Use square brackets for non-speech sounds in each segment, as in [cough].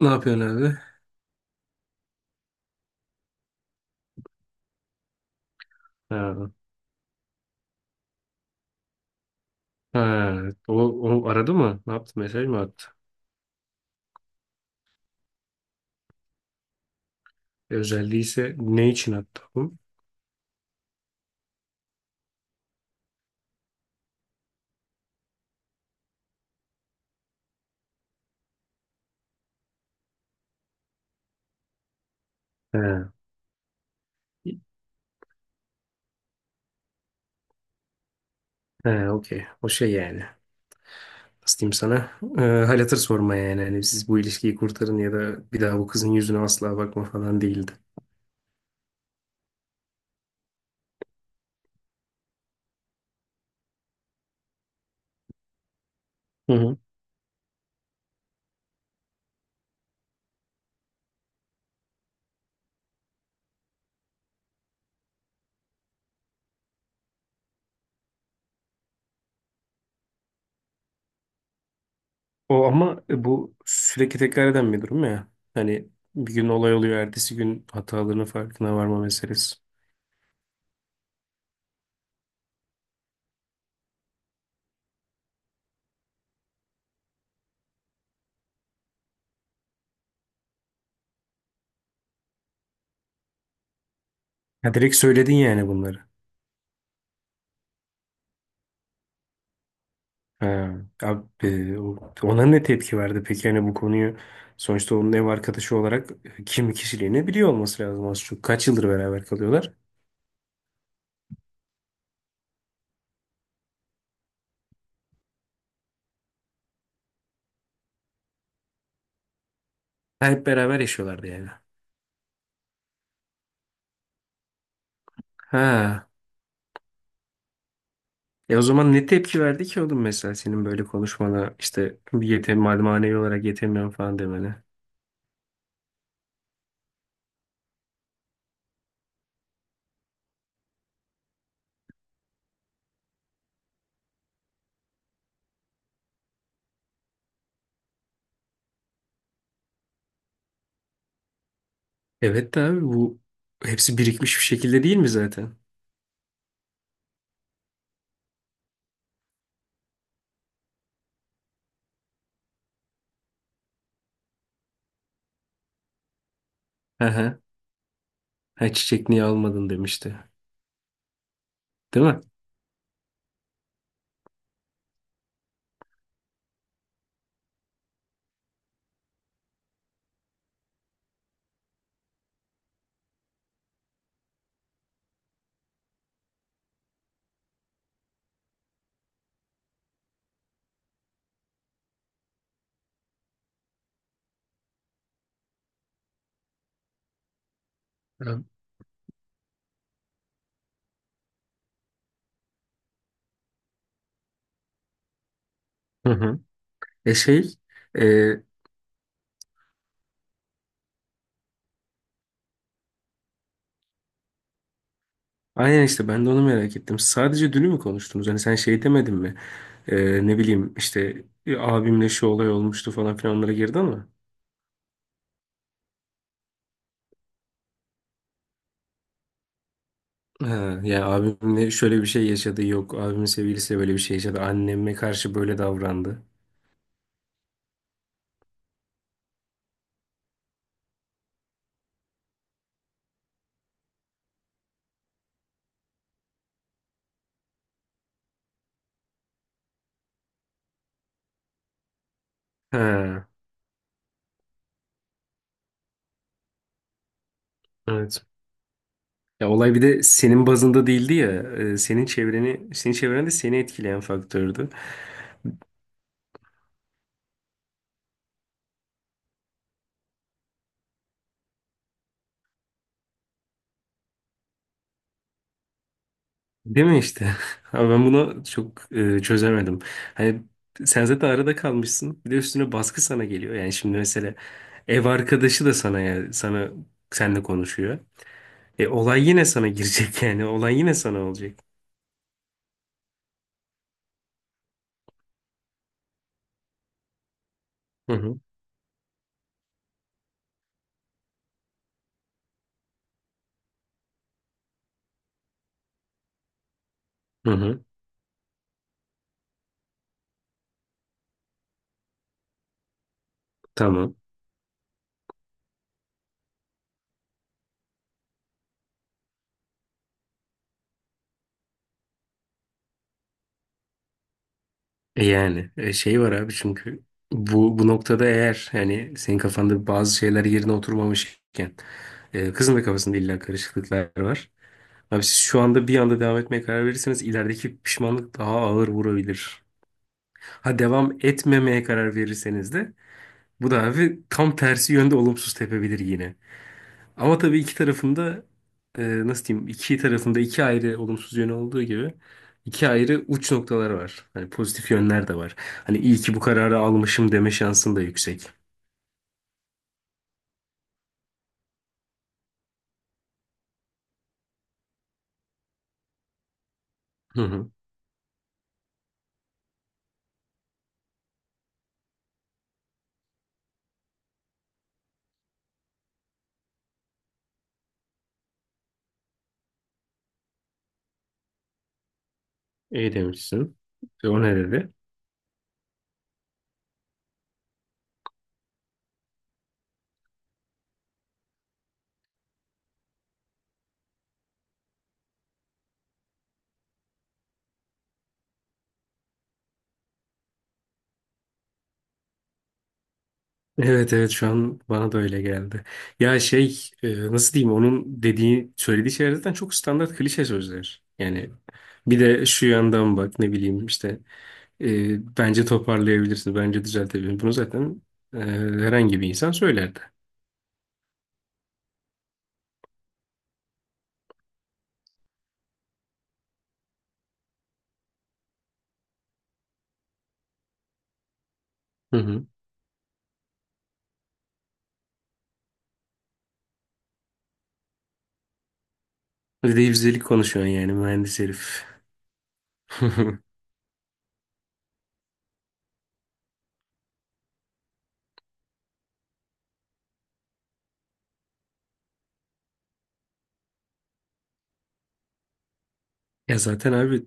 Ne yapıyorsun abi? Ha, ha. O, o aradı mı? Ne yaptı? Mesaj mı attı? Özelliği ise ne için attı bu? Ha. Ha, okey. O şey yani. Nasıl diyeyim sana? Hal hatır sorma yani. Hani siz bu ilişkiyi kurtarın ya da bir daha bu kızın yüzüne asla bakma falan değildi. Hı hı. O ama bu sürekli tekrar eden bir durum ya. Hani bir gün olay oluyor, ertesi gün hatalarının farkına varma meselesi. Ya direkt söyledin yani bunları. Ha, abi, ona ne tepki verdi peki hani bu konuyu sonuçta onun ev arkadaşı olarak kimi kişiliğini biliyor olması lazım az çok. Kaç yıldır beraber kalıyorlar? Ha, hep beraber yaşıyorlardı yani. Ha. E o zaman ne tepki verdi ki oğlum mesela senin böyle konuşmana işte yetem manevi olarak yetemiyorum falan demene. Evet de abi bu birikmiş bir şekilde değil mi zaten? Hı hı. Ha, çiçek niye almadın demişti. Değil mi? Hı hı. Hı. E şey, e, Aynen işte ben de onu merak ettim. Sadece dünü mü konuştunuz? Hani sen şey demedin mi? Ne bileyim işte "E, abimle şu olay olmuştu falan filan onlara girdi ama. Ha, ya abimle şöyle bir şey yaşadı yok. Abimin sevgilisiyle böyle bir şey yaşadı. Anneme karşı böyle davrandı. Ha, evet. Ya olay bir de senin bazında değildi ya. Senin çevreni, senin çevren de seni etkileyen faktördü. Değil mi işte? [laughs] Abi ben bunu çok çözemedim. Hani sen zaten arada kalmışsın. Bir de üstüne baskı sana geliyor. Yani şimdi mesela ev arkadaşı da sana seninle konuşuyor. E olay yine sana girecek [laughs] yani. Olay yine sana olacak. Hı hı. Hı hı. Tamam. Şey var abi çünkü bu noktada eğer yani senin kafanda bazı şeyler yerine oturmamışken kızın da kafasında illa karışıklıklar var. Abi siz şu anda bir anda devam etmeye karar verirseniz ilerideki pişmanlık daha ağır vurabilir. Ha devam etmemeye karar verirseniz de bu da abi tam tersi yönde olumsuz tepebilir yine. Ama tabii iki tarafında nasıl diyeyim iki tarafında iki ayrı olumsuz yönü olduğu gibi iki ayrı uç noktaları var. Hani pozitif yönler de var. Hani iyi ki bu kararı almışım deme şansın da yüksek. Hı hı. İyi demişsin. E, o ne dedi? Evet, evet, şu an bana da öyle geldi. Ya şey nasıl diyeyim onun dediği söylediği şeyler zaten çok standart klişe sözler. Yani bir de şu yandan bak ne bileyim işte bence toparlayabilirsin bence düzeltebilirsin. Bunu zaten e, herhangi bir insan söylerdi. Hı hı. Bir de yüzdelik konuşuyorsun yani mühendis herif. [laughs] Ya zaten abi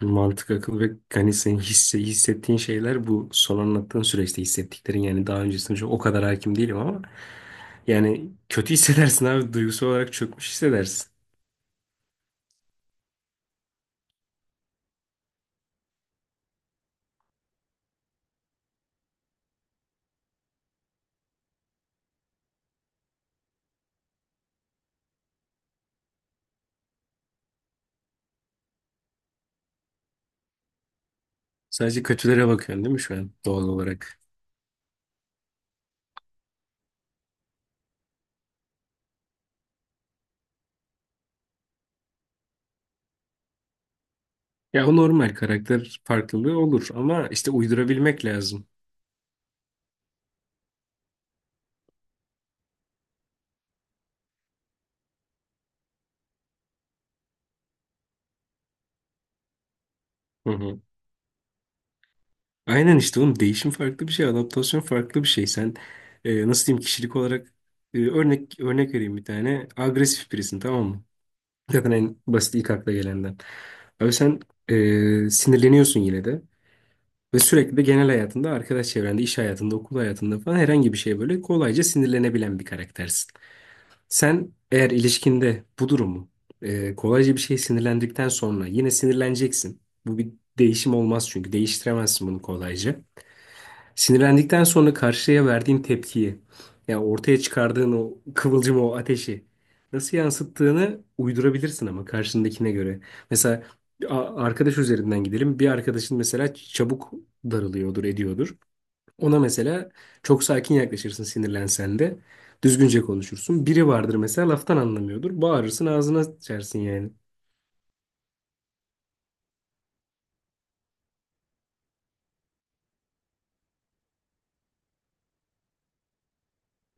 mantık, akıl ve hani senin hissettiğin şeyler bu son anlattığın süreçte hissettiklerin yani daha öncesinde çok o kadar hakim değilim ama yani kötü hissedersin abi. Duygusal olarak çökmüş hissedersin. Sadece kötülere bakıyorsun değil mi şu an doğal olarak? Ya o normal karakter farklılığı olur ama işte uydurabilmek lazım. Hı hı. Aynen işte oğlum değişim farklı bir şey, adaptasyon farklı bir şey. Sen nasıl diyeyim kişilik olarak örnek vereyim bir tane. Agresif birisin, tamam mı? Zaten en basit ilk akla gelenden. Abi sen sinirleniyorsun yine de. Ve sürekli de genel hayatında, arkadaş çevrende, iş hayatında, okul hayatında falan herhangi bir şeye böyle kolayca sinirlenebilen bir karaktersin. Sen eğer ilişkinde bu durumu kolayca bir şeye sinirlendikten sonra yine sinirleneceksin. Bu bir değişim olmaz çünkü değiştiremezsin bunu kolayca. Sinirlendikten sonra karşıya verdiğin tepkiyi, yani ortaya çıkardığın o kıvılcım, o ateşi nasıl yansıttığını uydurabilirsin ama karşındakine göre. Mesela arkadaş üzerinden gidelim. Bir arkadaşın mesela çabuk darılıyordur, ediyordur. Ona mesela çok sakin yaklaşırsın sinirlensen de. Düzgünce konuşursun. Biri vardır mesela laftan anlamıyordur. Bağırırsın, ağzına sıçarsın yani.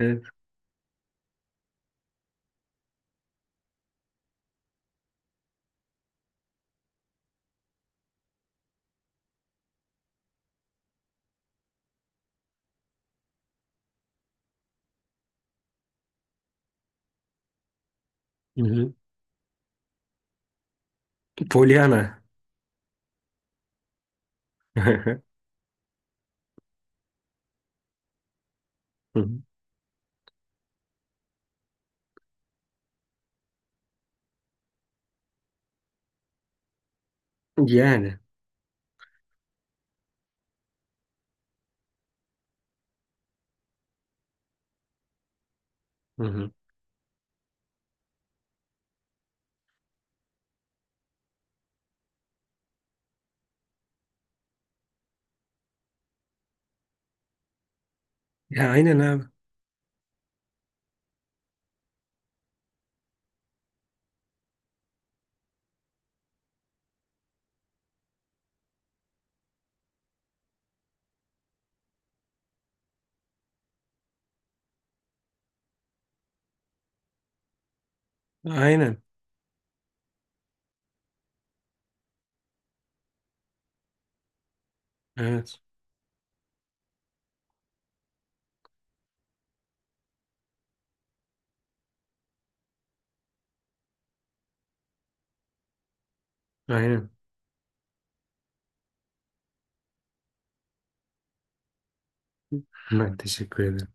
Evet. Hı hı. Polyana. [laughs] Hı hı. Yani. Hı hı. Ya aynen abi. Aynen. Evet. Aynen. Ben teşekkür ederim.